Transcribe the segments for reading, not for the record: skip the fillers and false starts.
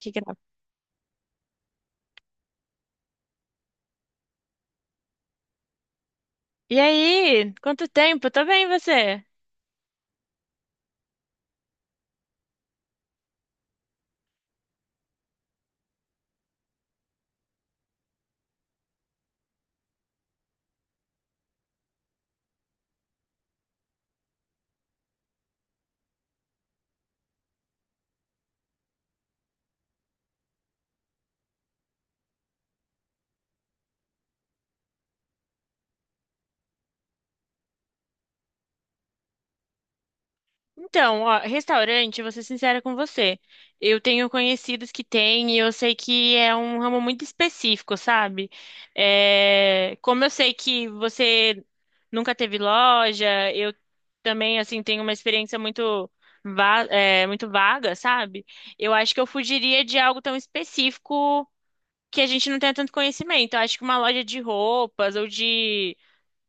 Que grave. E aí, quanto tempo? Tô bem, e você? Então, ó, restaurante, vou ser sincera com você. Eu tenho conhecidos que têm e eu sei que é um ramo muito específico, sabe? Como eu sei que você nunca teve loja, eu também, assim, tenho uma experiência muito, muito vaga, sabe? Eu acho que eu fugiria de algo tão específico que a gente não tenha tanto conhecimento. Eu acho que uma loja de roupas ou de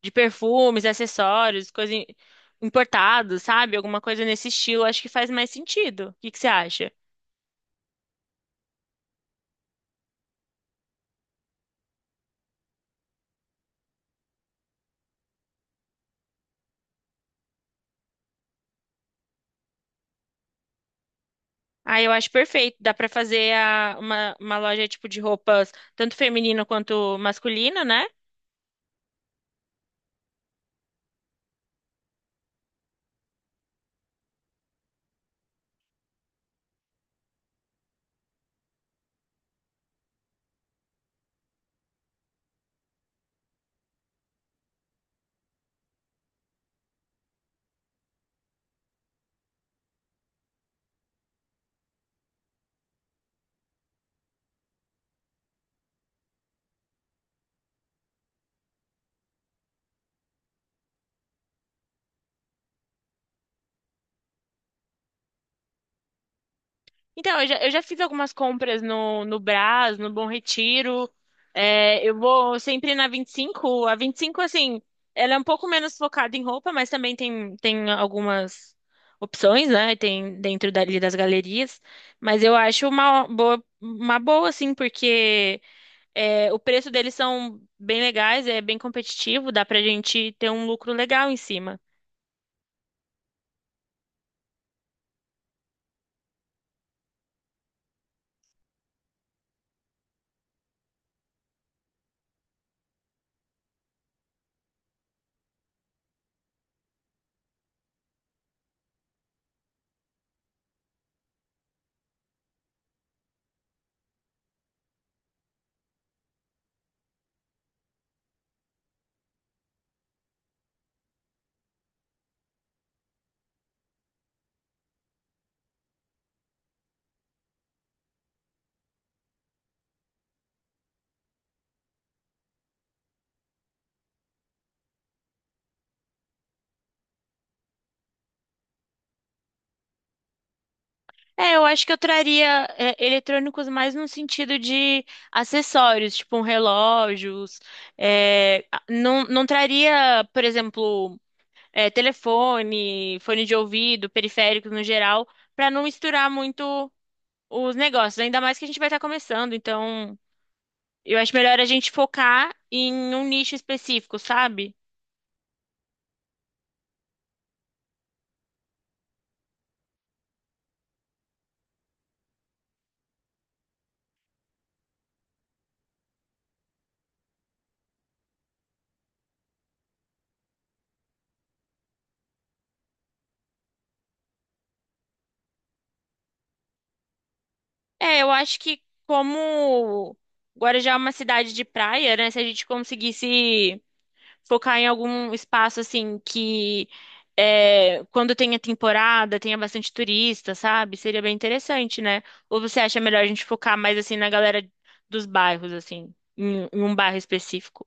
perfumes, acessórios, importado, sabe? Alguma coisa nesse estilo, acho que faz mais sentido. O que que você acha? Ah, eu acho perfeito. Dá pra fazer uma loja tipo de roupas, tanto feminina quanto masculina, né? Então, eu já fiz algumas compras no Brás, no Bom Retiro. É, eu vou sempre na 25. A 25, assim, ela é um pouco menos focada em roupa, mas também tem, tem algumas opções, né? Tem dentro dali das galerias. Mas eu acho uma boa assim, porque o preço deles são bem legais, é bem competitivo, dá pra gente ter um lucro legal em cima. É, eu acho que eu traria eletrônicos mais no sentido de acessórios, tipo um relógios. Não, não traria, por exemplo, telefone, fone de ouvido, periféricos no geral, para não misturar muito os negócios. Ainda mais que a gente vai estar começando, então eu acho melhor a gente focar em um nicho específico, sabe? É, eu acho que como Guarujá é uma cidade de praia, né? Se a gente conseguisse focar em algum espaço assim que quando tenha temporada, tenha bastante turista, sabe? Seria bem interessante, né? Ou você acha melhor a gente focar mais assim na galera dos bairros, assim, em um bairro específico?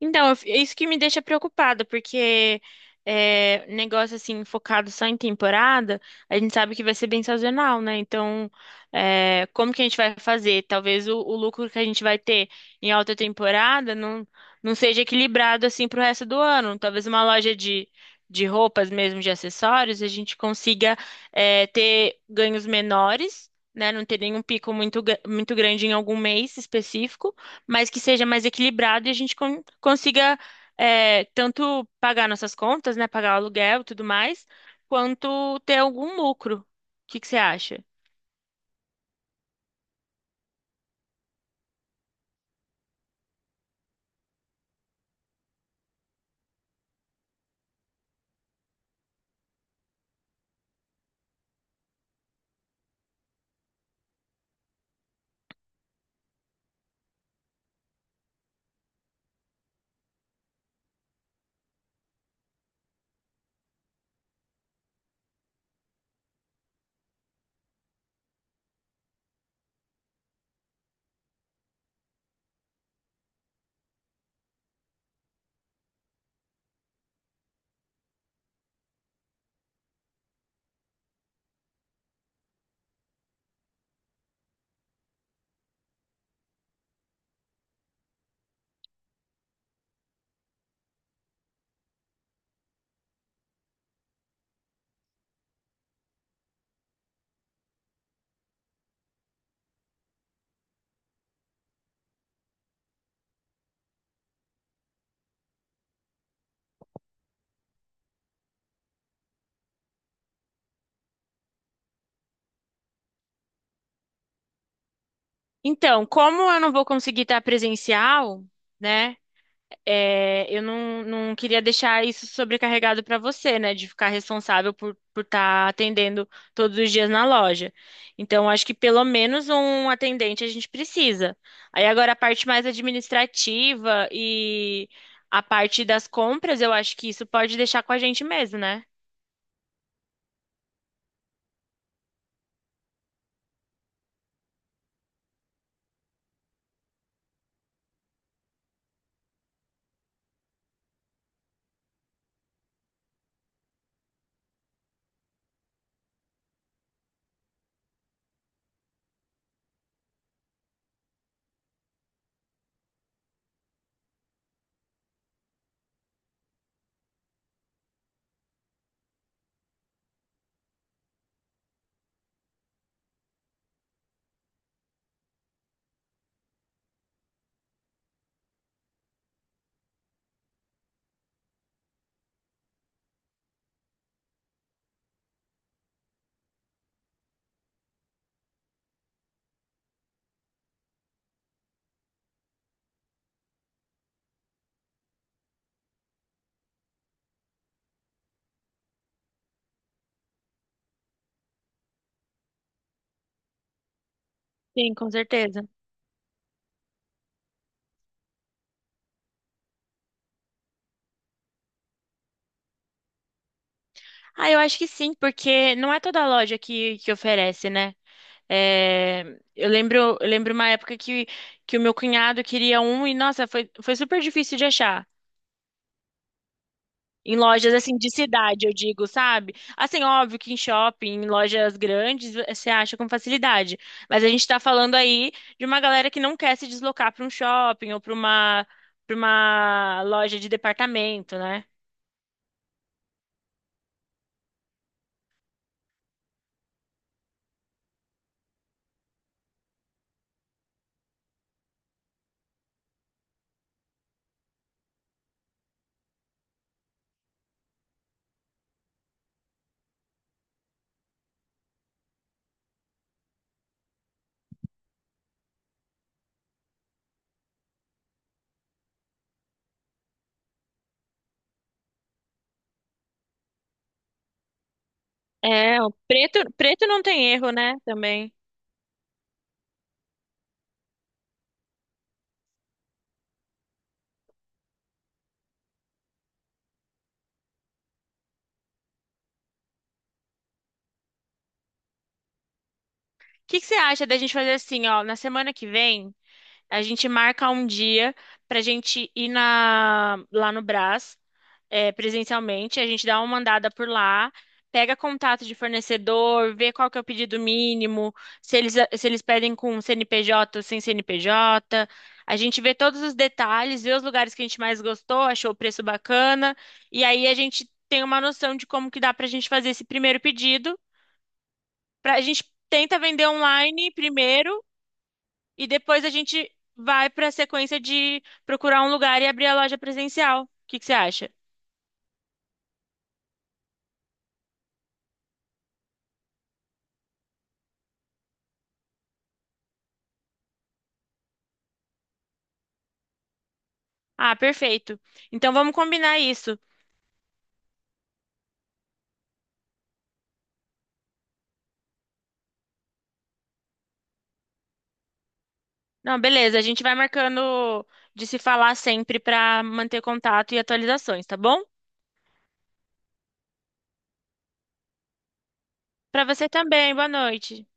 Então, é isso que me deixa preocupada, porque negócio assim, focado só em temporada, a gente sabe que vai ser bem sazonal, né? Então, é, como que a gente vai fazer? Talvez o lucro que a gente vai ter em alta temporada não seja equilibrado assim pro resto do ano. Talvez uma loja de roupas mesmo, de acessórios, a gente consiga ter ganhos menores, né? Não ter nenhum pico muito, muito grande em algum mês específico, mas que seja mais equilibrado e a gente consiga, tanto pagar nossas contas, né, pagar o aluguel e tudo mais, quanto ter algum lucro. O que que você acha? Então, como eu não vou conseguir estar presencial, né? Eu não, não queria deixar isso sobrecarregado para você, né? De ficar responsável por estar atendendo todos os dias na loja. Então, acho que pelo menos um atendente a gente precisa. Aí agora a parte mais administrativa e a parte das compras, eu acho que isso pode deixar com a gente mesmo, né? Sim, com certeza. Ah, eu acho que sim, porque não é toda loja que oferece, né? É, eu lembro uma época que o meu cunhado queria um e, nossa, foi, foi super difícil de achar. Em lojas assim de cidade, eu digo, sabe? Assim, óbvio que em shopping, em lojas grandes, você acha com facilidade. Mas a gente tá falando aí de uma galera que não quer se deslocar para um shopping ou para uma loja de departamento, né? É, o preto, preto não tem erro, né? Também. O que que você acha da gente fazer assim, ó, na semana que vem? A gente marca um dia pra gente ir na, lá no Brás, presencialmente. A gente dá uma andada por lá, pega contato de fornecedor, vê qual que é o pedido mínimo, se eles pedem com CNPJ ou sem CNPJ. A gente vê todos os detalhes, vê os lugares que a gente mais gostou, achou o preço bacana, e aí a gente tem uma noção de como que dá pra gente fazer esse primeiro pedido. Pra, a gente tenta vender online primeiro e depois a gente vai para a sequência de procurar um lugar e abrir a loja presencial. O que que você acha? Ah, perfeito. Então vamos combinar isso. Não, beleza, a gente vai marcando de se falar sempre para manter contato e atualizações, tá bom? Para você também, boa noite.